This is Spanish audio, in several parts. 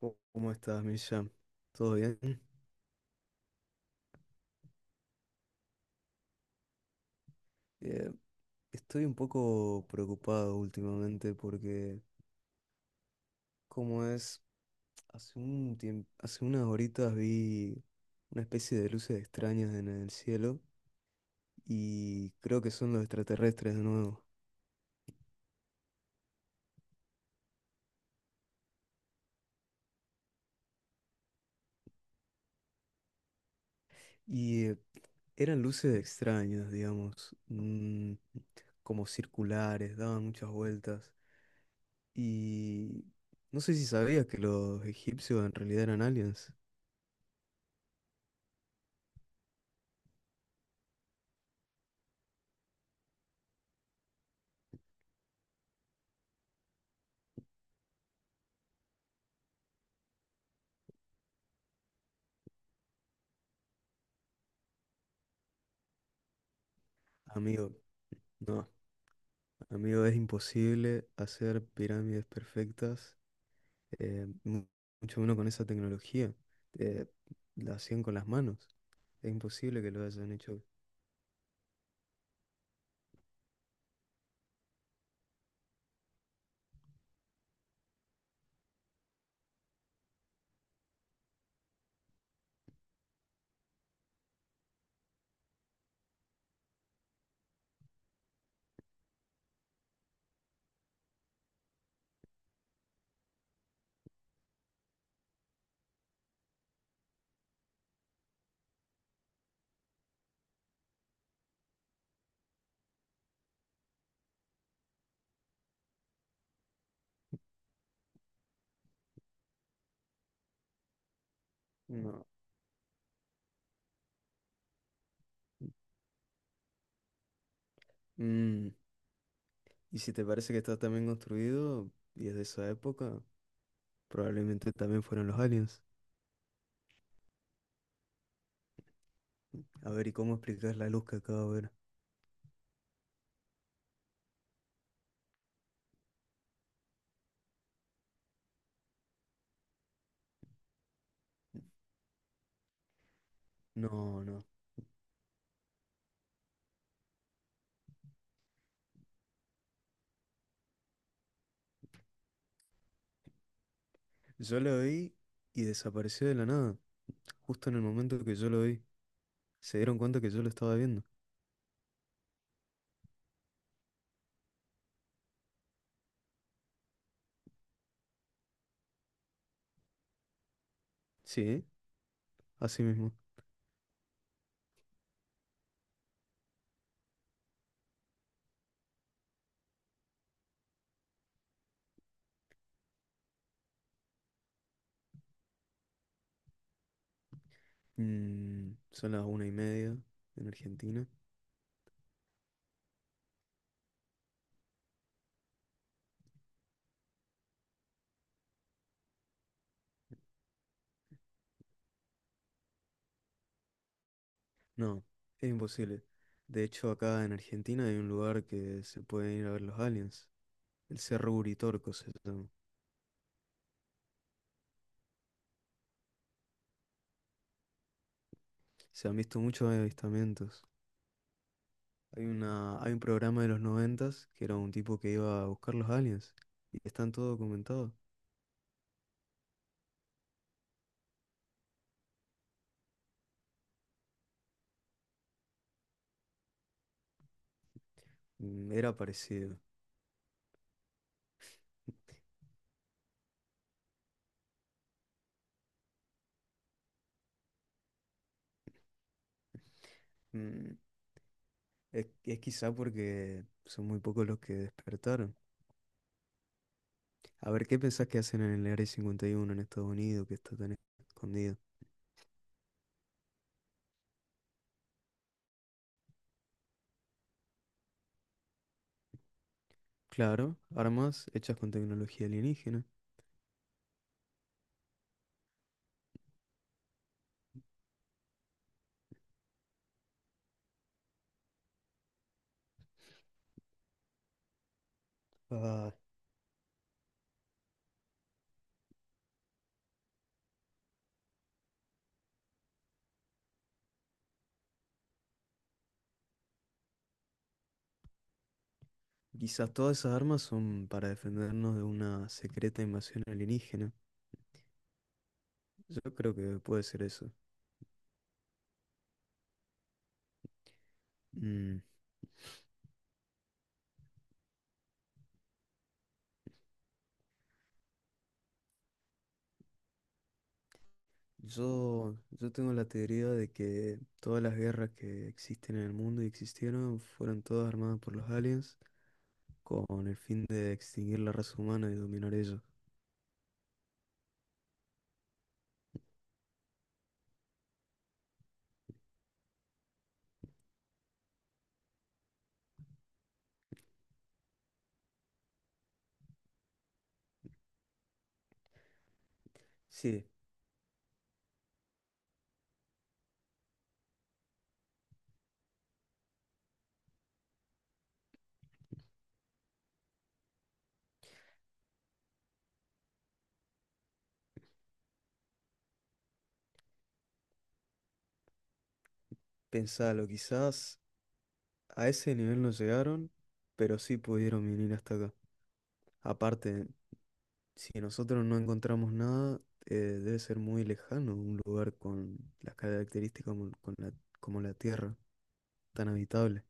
Oh, ¿cómo estás, Misha? ¿Todo bien? Eh, Estoy un poco preocupado últimamente porque, como es, hace unas horitas vi una especie de luces extrañas en el cielo y creo que son los extraterrestres de nuevo. Y eran luces extrañas, digamos, como circulares, daban muchas vueltas. Y no sé si sabías que los egipcios en realidad eran aliens, amigo. No. Amigo, es imposible hacer pirámides perfectas, eh, mu- mucho menos con esa tecnología. Eh, la hacían con las manos. Es imposible que lo hayan hecho. No. Mm, Y si te parece que está tan bien construido y es de esa época, probablemente también fueron los aliens. A ver, ¿y cómo explicar la luz que acabo de ver? No, no. Yo lo vi y desapareció de la nada, justo en el momento que yo lo vi. Se dieron cuenta que yo lo estaba viendo. Sí, así mismo. Son las 1:30 en Argentina. No, es imposible. De hecho, acá en Argentina hay un lugar que se pueden ir a ver los aliens. El Cerro Uritorco se llama. Se han visto muchos avistamientos. Hay una, hay un programa de los 90 que era un tipo que iba a buscar los aliens. Y están todo documentado. Era parecido. Mm, es quizá porque son muy pocos los que despertaron. A ver, ¿qué pensás que hacen en el Área 51 en Estados Unidos que está tan escondido? Claro, armas hechas con tecnología alienígena. Ah, quizás todas esas armas son para defendernos de una secreta invasión alienígena. Yo creo que puede ser eso. Mm, yo tengo la teoría de que todas las guerras que existen en el mundo y existieron fueron todas armadas por los aliens con el fin de extinguir la raza humana y dominar ellos. Sí, pensalo, quizás a ese nivel no llegaron, pero sí pudieron venir hasta acá. Aparte, si nosotros no encontramos nada, debe ser muy lejano un lugar con las características como, con la, como la Tierra, tan habitable.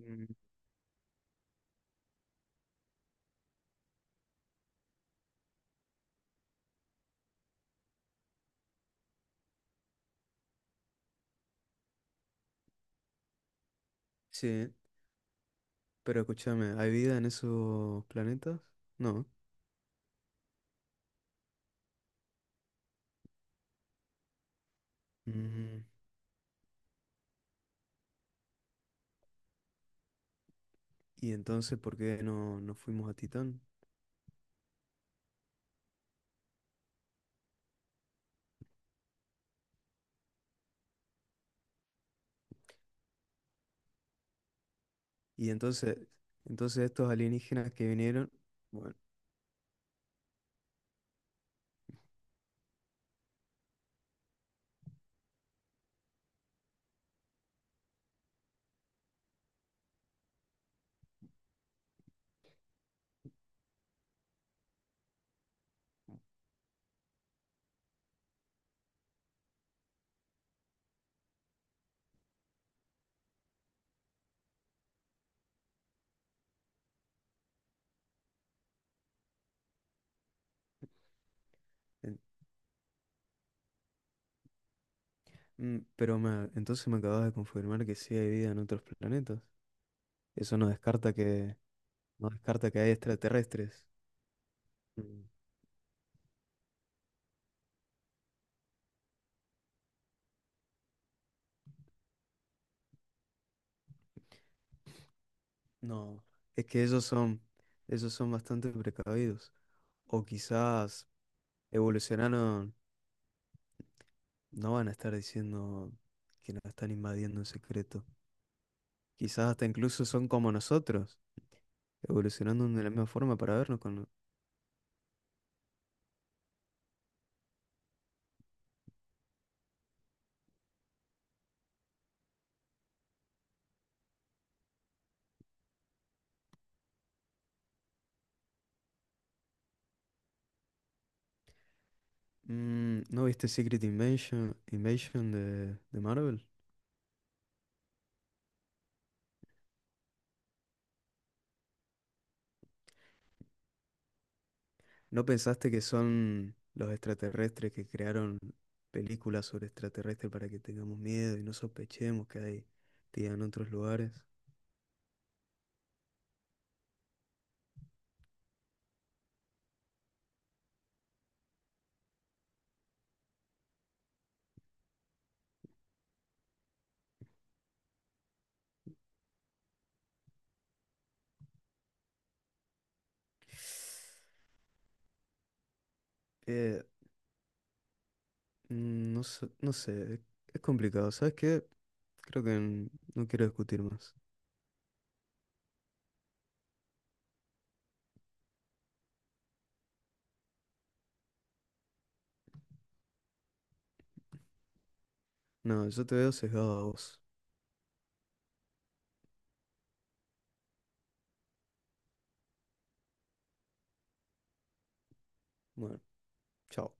Mm, Sí, pero escúchame, ¿hay vida en esos planetas? No. Mm, ¿Y entonces por qué no fuimos a Titán? Y entonces estos alienígenas que vinieron, bueno, en- pero entonces me acabas de confirmar que sí hay vida en otros planetas. Eso no descarta que, no descarta que hay extraterrestres. No, es que ellos son bastante precavidos. O quizás evolucionaron, no van a estar diciendo que nos están invadiendo en secreto. Quizás hasta incluso son como nosotros, evolucionando de la misma forma para vernos con... ¿no viste Secret Invasion, Invasion de Marvel? ¿No pensaste que son los extraterrestres que crearon películas sobre extraterrestres para que tengamos miedo y no sospechemos que hay vida en otros lugares? Eh, no sé, no sé, es complicado. ¿Sabes qué? Creo que no quiero discutir más. No, yo te veo sesgado a vos. Bueno, chao.